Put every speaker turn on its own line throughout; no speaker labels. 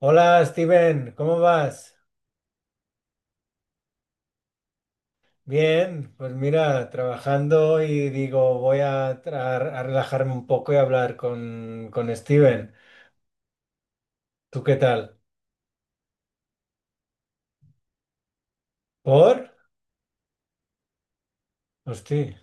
Hola Steven, ¿cómo vas? Bien, pues mira, trabajando y digo, voy a relajarme un poco y hablar con Steven. ¿Tú qué tal? ¿Por? Hostia,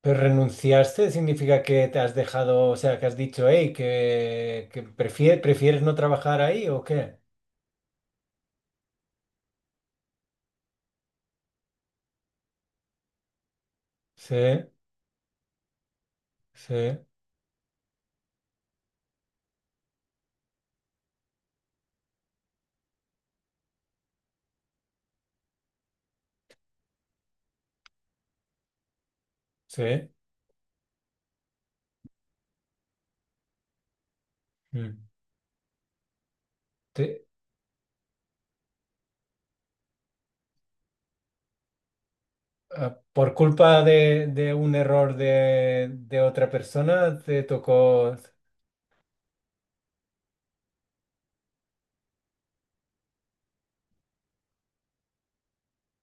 ¿pero renunciaste? ¿Significa que te has dejado, o sea, que has dicho, hey, que prefieres no trabajar ahí o qué? Sí, sí, sí. Mm. Te- ¿Por culpa de un error de otra persona te tocó?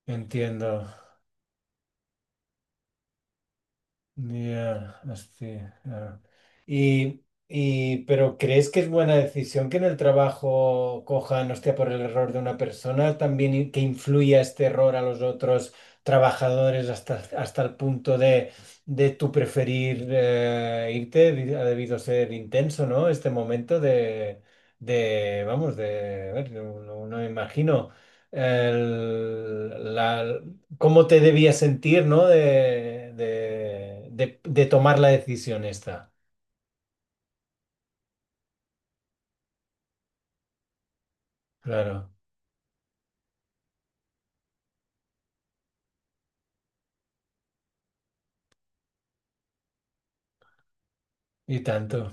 Entiendo. Ya, hostia, claro. Y, pero ¿crees que es buena decisión que en el trabajo cojan, hostia, por el error de una persona, también que influya este error a los otros trabajadores hasta el punto de tú preferir irte? Ha debido ser intenso, ¿no? Este momento de vamos, de, a ver, no, no me imagino. el- la- ¿Cómo te debías sentir, no? De tomar la decisión esta. Claro. Y tanto.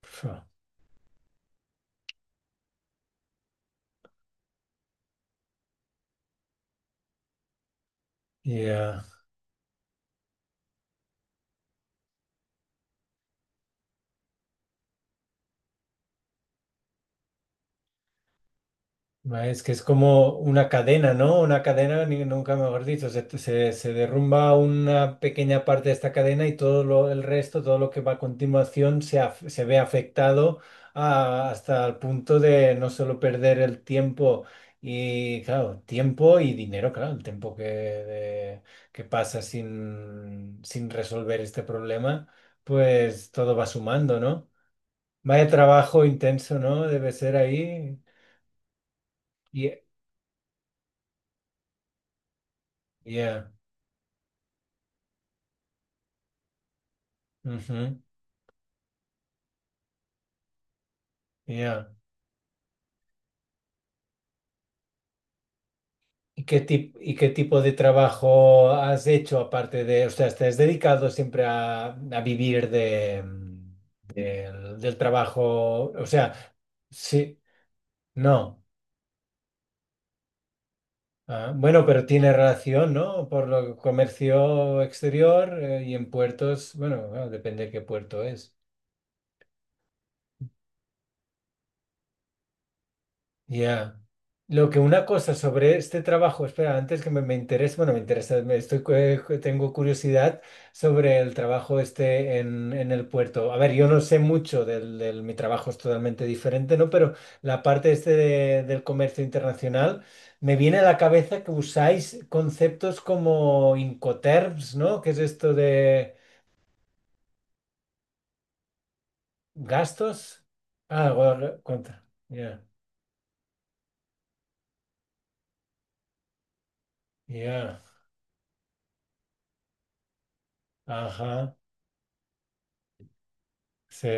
Fu. Ya. Es que es como una cadena, ¿no? Una cadena, nunca mejor dicho, se derrumba una pequeña parte de esta cadena y el resto, todo lo que va a continuación, se ve afectado hasta el punto de no solo perder el tiempo y, claro, tiempo y dinero, claro, el tiempo que, que pasa sin resolver este problema, pues todo va sumando, ¿no? Vaya trabajo intenso, ¿no? Debe ser ahí. y- Yeah. Ujú, ya. ¿Y qué y qué tipo de trabajo has hecho aparte de, o sea, te has dedicado siempre a vivir de, del del trabajo? O sea, sí, no. Ah, bueno, pero tiene relación, ¿no? Por lo que comercio exterior y en puertos, bueno, bueno, depende de qué puerto es. Ya. Lo que una cosa sobre este trabajo, espera, antes que me interese, bueno, me interesa, tengo curiosidad sobre el trabajo este en el puerto. A ver, yo no sé mucho mi trabajo es totalmente diferente, ¿no? Pero la parte este del comercio internacional, me viene a la cabeza que usáis conceptos como Incoterms, ¿no? ¿Qué es esto de gastos? Ah, contra. Ya, ya, ajá, sí,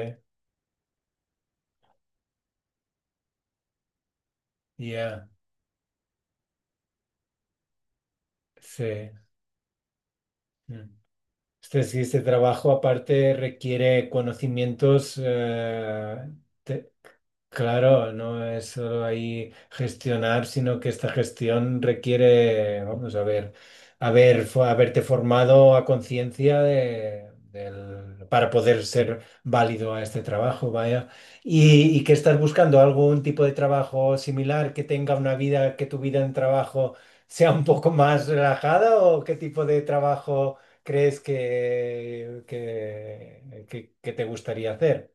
ya, sí. Mm. Este, sí, este trabajo aparte requiere conocimientos te- Claro, no es solo ahí gestionar, sino que esta gestión requiere, vamos a ver, haber, haberte formado a conciencia para poder ser válido a este trabajo, vaya. Y que estás buscando algún tipo de trabajo similar que tenga una vida, que tu vida en trabajo sea un poco más relajada, ¿o qué tipo de trabajo crees que te gustaría hacer?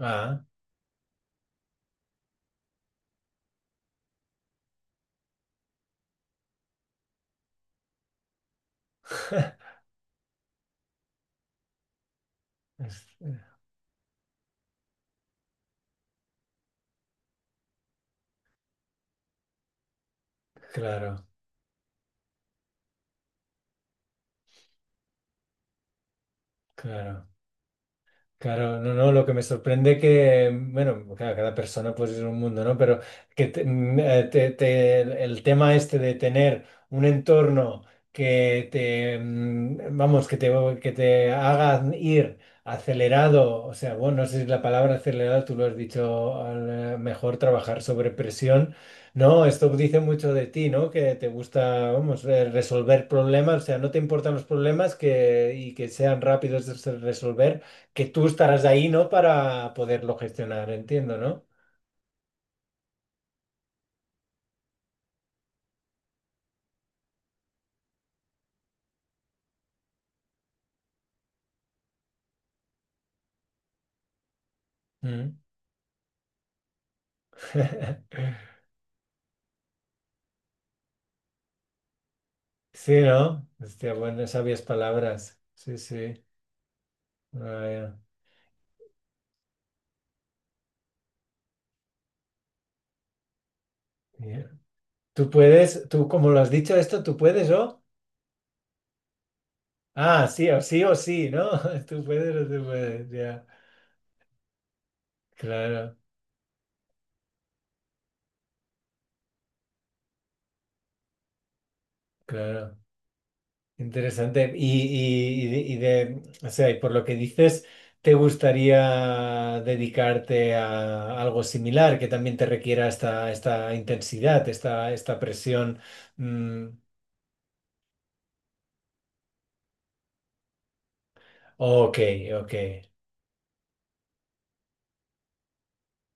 Ah. Claro, claro. Claro, no, no, lo que me sorprende que, bueno, claro, cada persona pues es un mundo, ¿no? Pero que el tema este de tener un entorno que te, mm, vamos, que te haga ir acelerado, o sea, bueno, no sé si la palabra acelerado tú lo has dicho mejor, trabajar sobre presión, ¿no? Esto dice mucho de ti, ¿no? Que te gusta, vamos, resolver problemas, o sea, no te importan los problemas y que sean rápidos de resolver, que tú estarás ahí, ¿no? Para poderlo gestionar, entiendo, ¿no? Mm. Sí, ¿no? Hostia, bueno, sabias palabras. Sí, sí. Vaya. Bien. Tú puedes, tú como lo has dicho esto, tú puedes, ¿o? Ah, sí, o sí, o sí, ¿no? Tú puedes o tú puedes, ya. Claro, claro. Interesante. Y, o sea, y por lo que dices, ¿te gustaría dedicarte a algo similar que también te requiera esta intensidad, esta presión? Mm, ok, ok,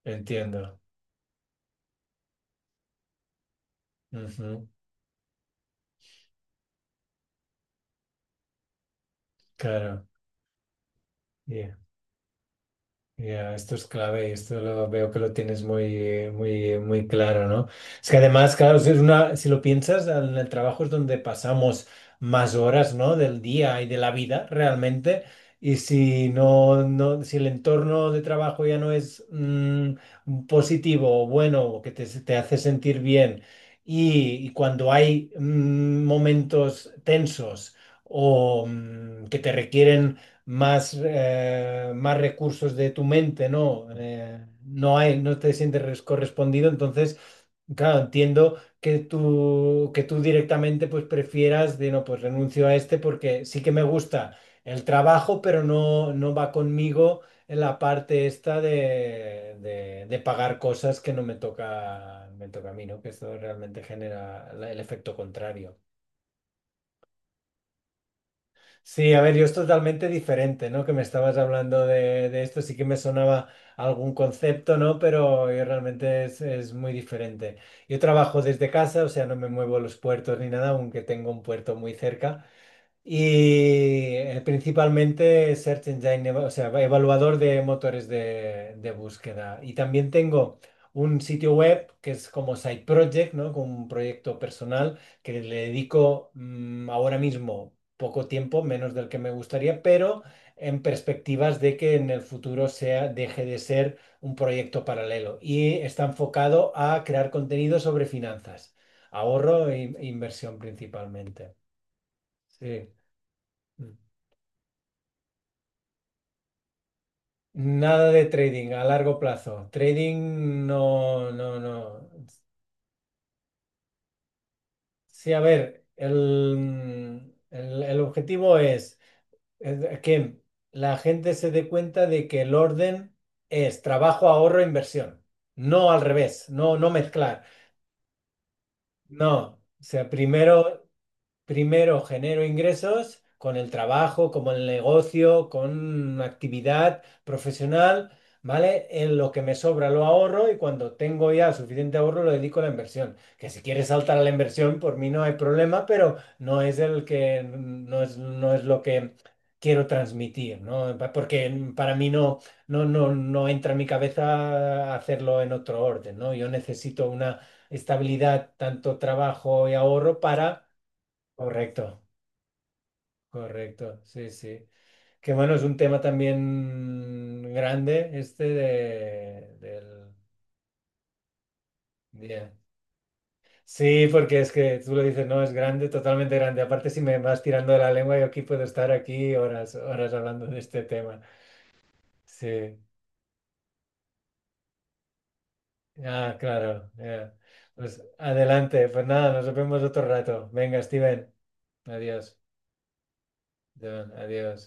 entiendo. Ujú, claro. Ya, esto es clave y esto lo veo que lo tienes muy, muy, muy claro, ¿no? Es que además, claro, si es una, si lo piensas, en el trabajo es donde pasamos más horas, ¿no? Del día y de la vida realmente. Y si el entorno de trabajo ya no es positivo o bueno, o que te hace sentir bien, y cuando hay momentos tensos o que te requieren más recursos de tu mente, ¿no? No te sientes correspondido, entonces, claro, entiendo que tú, directamente pues prefieras no, pues renuncio a este porque sí que me gusta el trabajo, pero no va conmigo en la parte esta de pagar cosas que no me toca, me toca a mí, ¿no? Que esto realmente genera el efecto contrario. Sí, a ver, yo es totalmente diferente, ¿no? Que me estabas hablando de esto, sí que me sonaba algún concepto, ¿no? Pero yo realmente es muy diferente. Yo trabajo desde casa, o sea, no me muevo a los puertos ni nada, aunque tengo un puerto muy cerca. Y principalmente Search Engine, o sea, evaluador de motores de búsqueda. Y también tengo un sitio web que es como side project, ¿no? Como un proyecto personal que le dedico ahora mismo poco tiempo, menos del que me gustaría, pero en perspectivas de que en el futuro sea, deje de ser un proyecto paralelo. Y está enfocado a crear contenido sobre finanzas, ahorro e inversión principalmente. Sí. Mm. Nada de trading a largo plazo. Trading no, no, no. Sí, a ver, el objetivo es que la gente se dé cuenta de que el orden es trabajo, ahorro, inversión. No al revés, no, no mezclar. No, o sea, primero genero ingresos con el trabajo, como el negocio, con una actividad profesional, ¿vale? En lo que me sobra lo ahorro y cuando tengo ya suficiente ahorro lo dedico a la inversión. Que si quieres saltar a la inversión, por mí no hay problema, pero no es el que, no es lo que quiero transmitir, ¿no? Porque para mí no entra en mi cabeza hacerlo en otro orden, ¿no? Yo necesito una estabilidad, tanto trabajo y ahorro para. Correcto, correcto, sí, sí. Que bueno, es un tema también grande este del día. Sí, porque es que tú lo dices, no, es grande, totalmente grande. Aparte, si me vas tirando de la lengua, yo aquí puedo estar aquí horas, horas hablando de este tema. Sí, ah, claro. Ya. Pues adelante, pues nada, nos vemos otro rato. Venga, Steven, adiós. John, adiós.